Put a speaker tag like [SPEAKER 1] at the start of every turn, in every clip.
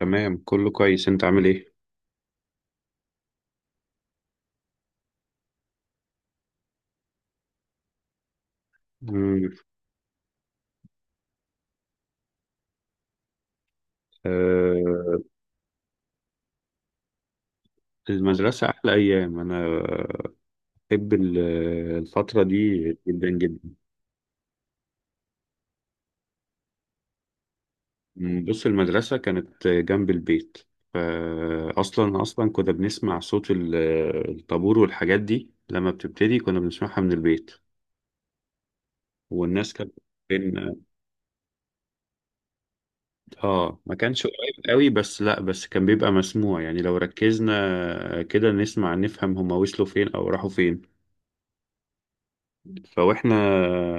[SPEAKER 1] تمام، كله كويس. انت عامل ايه؟ مم. آه. المدرسة أحلى أيام. بحب ال- الفترة دي جدا جدا. بص، المدرسة كانت جنب البيت. فأصلا كنا بنسمع صوت الطابور والحاجات دي. لما بتبتدي كنا بنسمعها من البيت. والناس كانت بين. اه، ما كانش قريب قوي، بس لا، بس كان بيبقى مسموع يعني. لو ركزنا كده نسمع نفهم هما وصلوا فين أو راحوا فين. فواحنا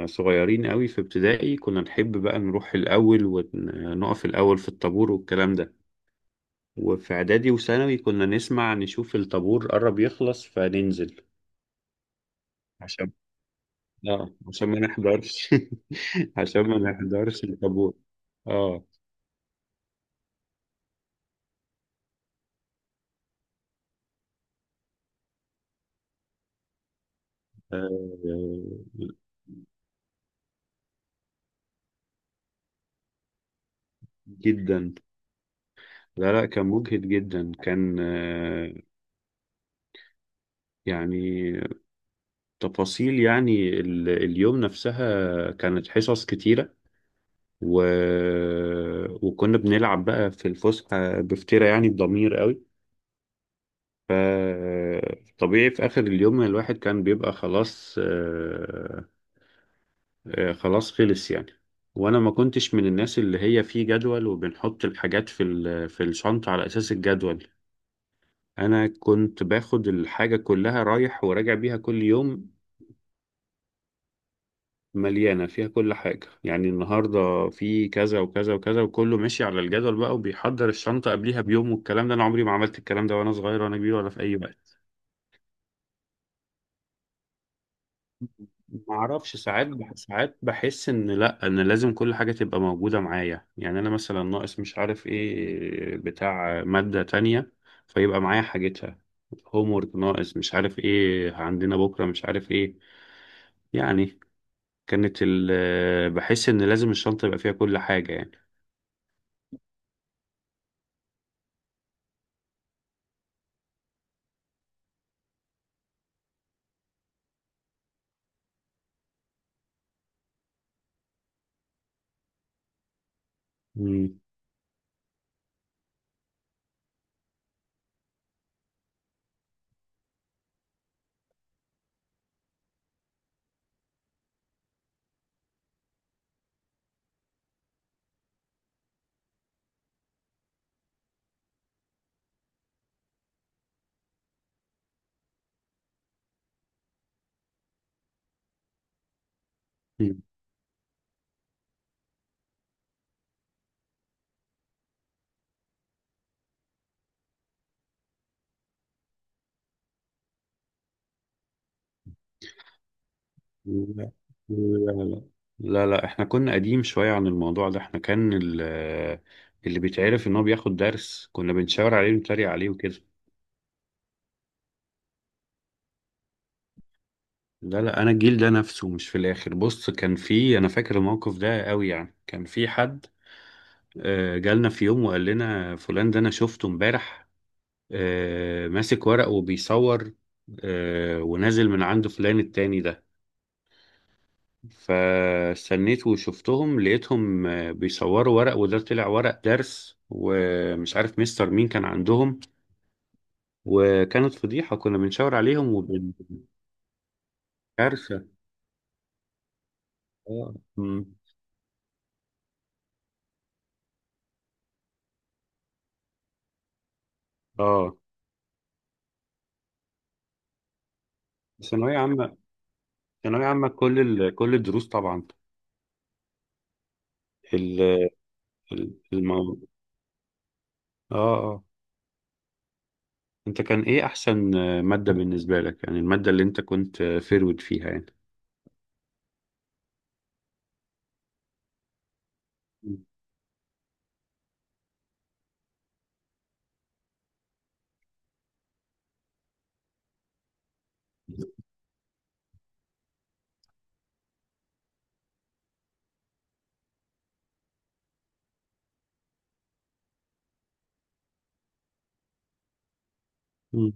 [SPEAKER 1] صغيرين قوي في ابتدائي كنا نحب بقى نروح الأول ونقف الأول في الطابور والكلام ده. وفي إعدادي وثانوي كنا نسمع نشوف الطابور قرب يخلص فننزل، عشان، اه عشان ما نحضرش. عشان ما نحضرش الطابور. اه. آه، جدا. لا لا، كان مجهد جدا، كان، يعني تفاصيل يعني اليوم نفسها كانت حصص كتيرة، و... وكنا بنلعب بقى في الفسحة بفترة يعني بضمير قوي. ف طبيعي في آخر اليوم الواحد كان بيبقى خلاص، خلاص خلص يعني. وأنا ما كنتش من الناس اللي هي في جدول، وبنحط الحاجات في في الشنطة على أساس الجدول. أنا كنت باخد الحاجة كلها رايح وراجع بيها كل يوم. مليانة فيها كل حاجة، يعني النهاردة في كذا وكذا وكذا وكله ماشي على الجدول بقى، وبيحضر الشنطة قبليها بيوم والكلام ده. أنا عمري ما عملت الكلام ده، وأنا صغير وأنا كبير ولا في أي وقت. معرفش، ساعات ساعات بحس إن لأ، إن لازم كل حاجة تبقى موجودة معايا، يعني أنا مثلا ناقص مش عارف إيه بتاع مادة تانية، فيبقى معايا حاجتها. هومورك ناقص، مش عارف إيه عندنا بكرة، مش عارف إيه، يعني كانت بحس إن لازم الشنطة يبقى فيها كل حاجة يعني. مم. لا لا لا لا، احنا كنا قديم شوية عن الموضوع ده. احنا كان اللي بيتعرف ان هو بياخد درس كنا بنشاور عليه ونتريق عليه وكده. لا لا، انا الجيل ده نفسه مش في الاخر. بص، كان في، انا فاكر الموقف ده قوي، يعني كان في حد، جالنا في يوم وقال لنا فلان ده انا شفته امبارح، ماسك ورق وبيصور، ونازل من عند فلان التاني ده. فاستنيت وشفتهم، لقيتهم بيصوروا ورق، وده طلع ورق درس ومش عارف مستر مين كان عندهم. وكانت فضيحة، كنا بنشاور عليهم وبالكارثة. اه. مم. اه. ثانوية عامة، ثانوية عامة كل كل الدروس طبعا ال... الموضوع. اه اه. انت كان ايه احسن مادة بالنسبة لك؟ يعني المادة اللي انت كنت فيرود فيها يعني. مم.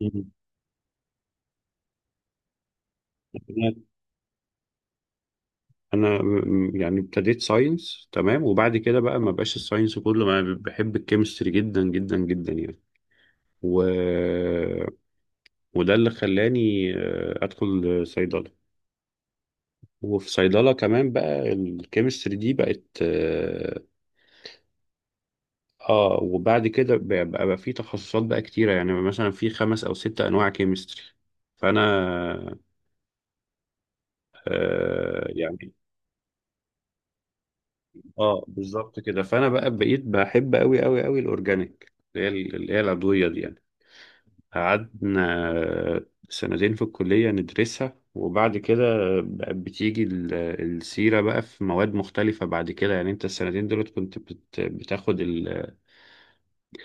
[SPEAKER 1] مم. انا يعني ابتديت ساينس تمام، وبعد كده بقى ما بقاش الساينس كله، ما ب- بحب الكيمستري جدا جدا جدا يعني، و... وده اللي خلاني ادخل صيدله. وفي صيدله كمان بقى الكيمستري دي بقت، اه، وبعد كده بقى بقى في تخصصات بقى كتيره، يعني مثلا في خمس او ست انواع كيمستري. فانا، آه يعني، اه بالظبط كده. فانا بقى بقيت بحب قوي قوي قوي الاورجانيك، اللي هي اللي هي العضويه دي يعني. قعدنا سنتين في الكلية ندرسها، وبعد كده بقت بتيجي السيرة بقى في مواد مختلفة بعد كده. يعني انت السنتين دولت كنت بتاخد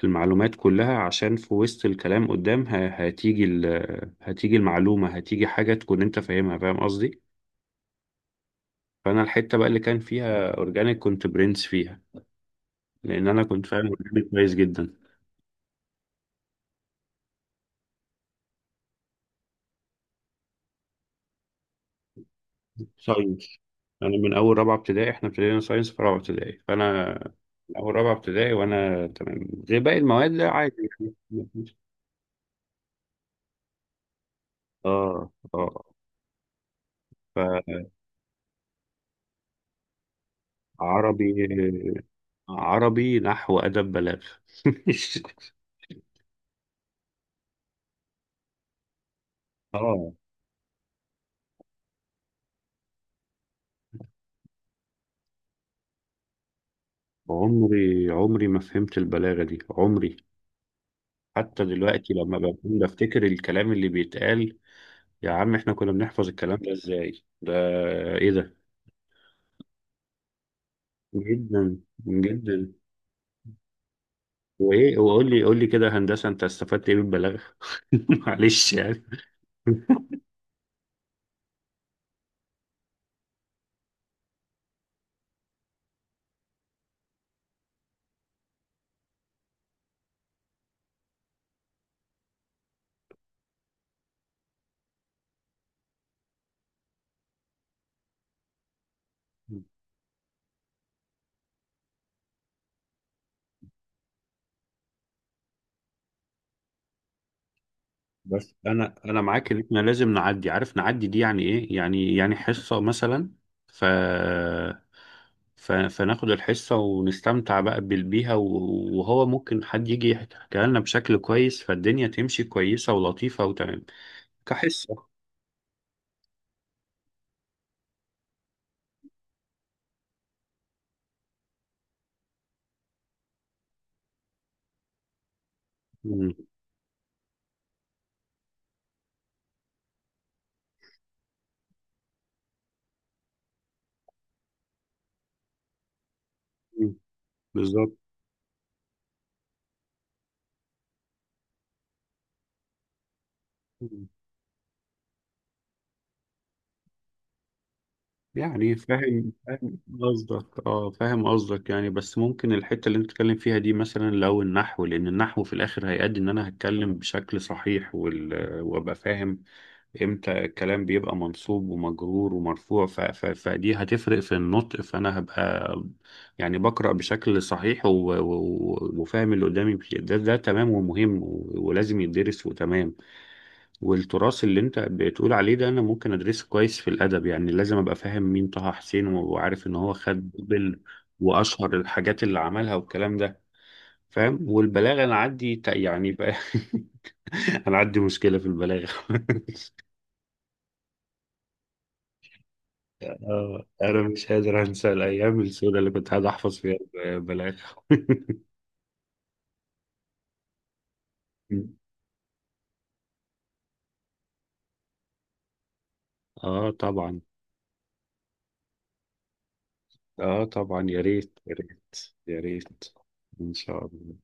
[SPEAKER 1] المعلومات كلها، عشان في وسط الكلام قدام هتيجي هتيجي المعلومة، هتيجي حاجة تكون انت فاهمها. فاهم قصدي؟ فأنا الحتة بقى اللي كان فيها أورجانيك كنت برنس فيها، لأن أنا كنت فاهم أورجانيك كويس جدا. ساينس. انا من اول رابعه ابتدائي، احنا ابتدينا ساينس في رابعه ابتدائي، فانا من اول رابعه ابتدائي وانا تمام. غير باقي المواد لا، عادي يعني. اه اه. فعربي. عربي، نحو، ادب، بلاغه. اه. عمري ما فهمت البلاغه دي، عمري. حتى دلوقتي لما بكون بفتكر الكلام اللي بيتقال: يا عم، احنا كنا بنحفظ الكلام ده ازاي؟ ده ايه ده؟ جدا. جدا. وايه، وقول لي كده، هندسه، انت استفدت ايه بالبلاغه؟ معلش يعني. بس انا معاك ان احنا لازم نعدي، عارف، نعدي دي يعني ايه يعني؟ يعني حصه مثلا، ف فناخد الحصة ونستمتع بقى بيها، وهو ممكن حد يجي يحكيها لنا بشكل كويس، فالدنيا تمشي كويسة ولطيفة وتمام كحصة. مم. مم. بالظبط يعني. فاهم. فاهم قصدك. اه فاهم قصدك، يعني بس ممكن الحتة اللي انت بتتكلم فيها دي، مثلا لو النحو، لان النحو في الاخر هيأدي ان انا هتكلم بشكل صحيح، وابقى فاهم امتى الكلام بيبقى منصوب ومجرور ومرفوع. فدي هتفرق في النطق، فانا هبقى يعني بقرأ بشكل صحيح وفاهم اللي قدامي، ده ده تمام ومهم ولازم يدرس وتمام. والتراث اللي انت بتقول عليه ده انا ممكن ادرسه كويس في الادب، يعني لازم ابقى فاهم مين طه حسين، وعارف ان هو خد نوبل، واشهر الحاجات اللي عملها والكلام ده. فاهم. والبلاغه انا عندي، يعني بقى انا عندي مشكله في البلاغه. اه، انا مش قادر انسى الايام السوداء اللي كنت قاعد احفظ فيها البلاغه. اه طبعا. اه طبعا، يا ريت، يا ريت، يا ريت ان شاء الله.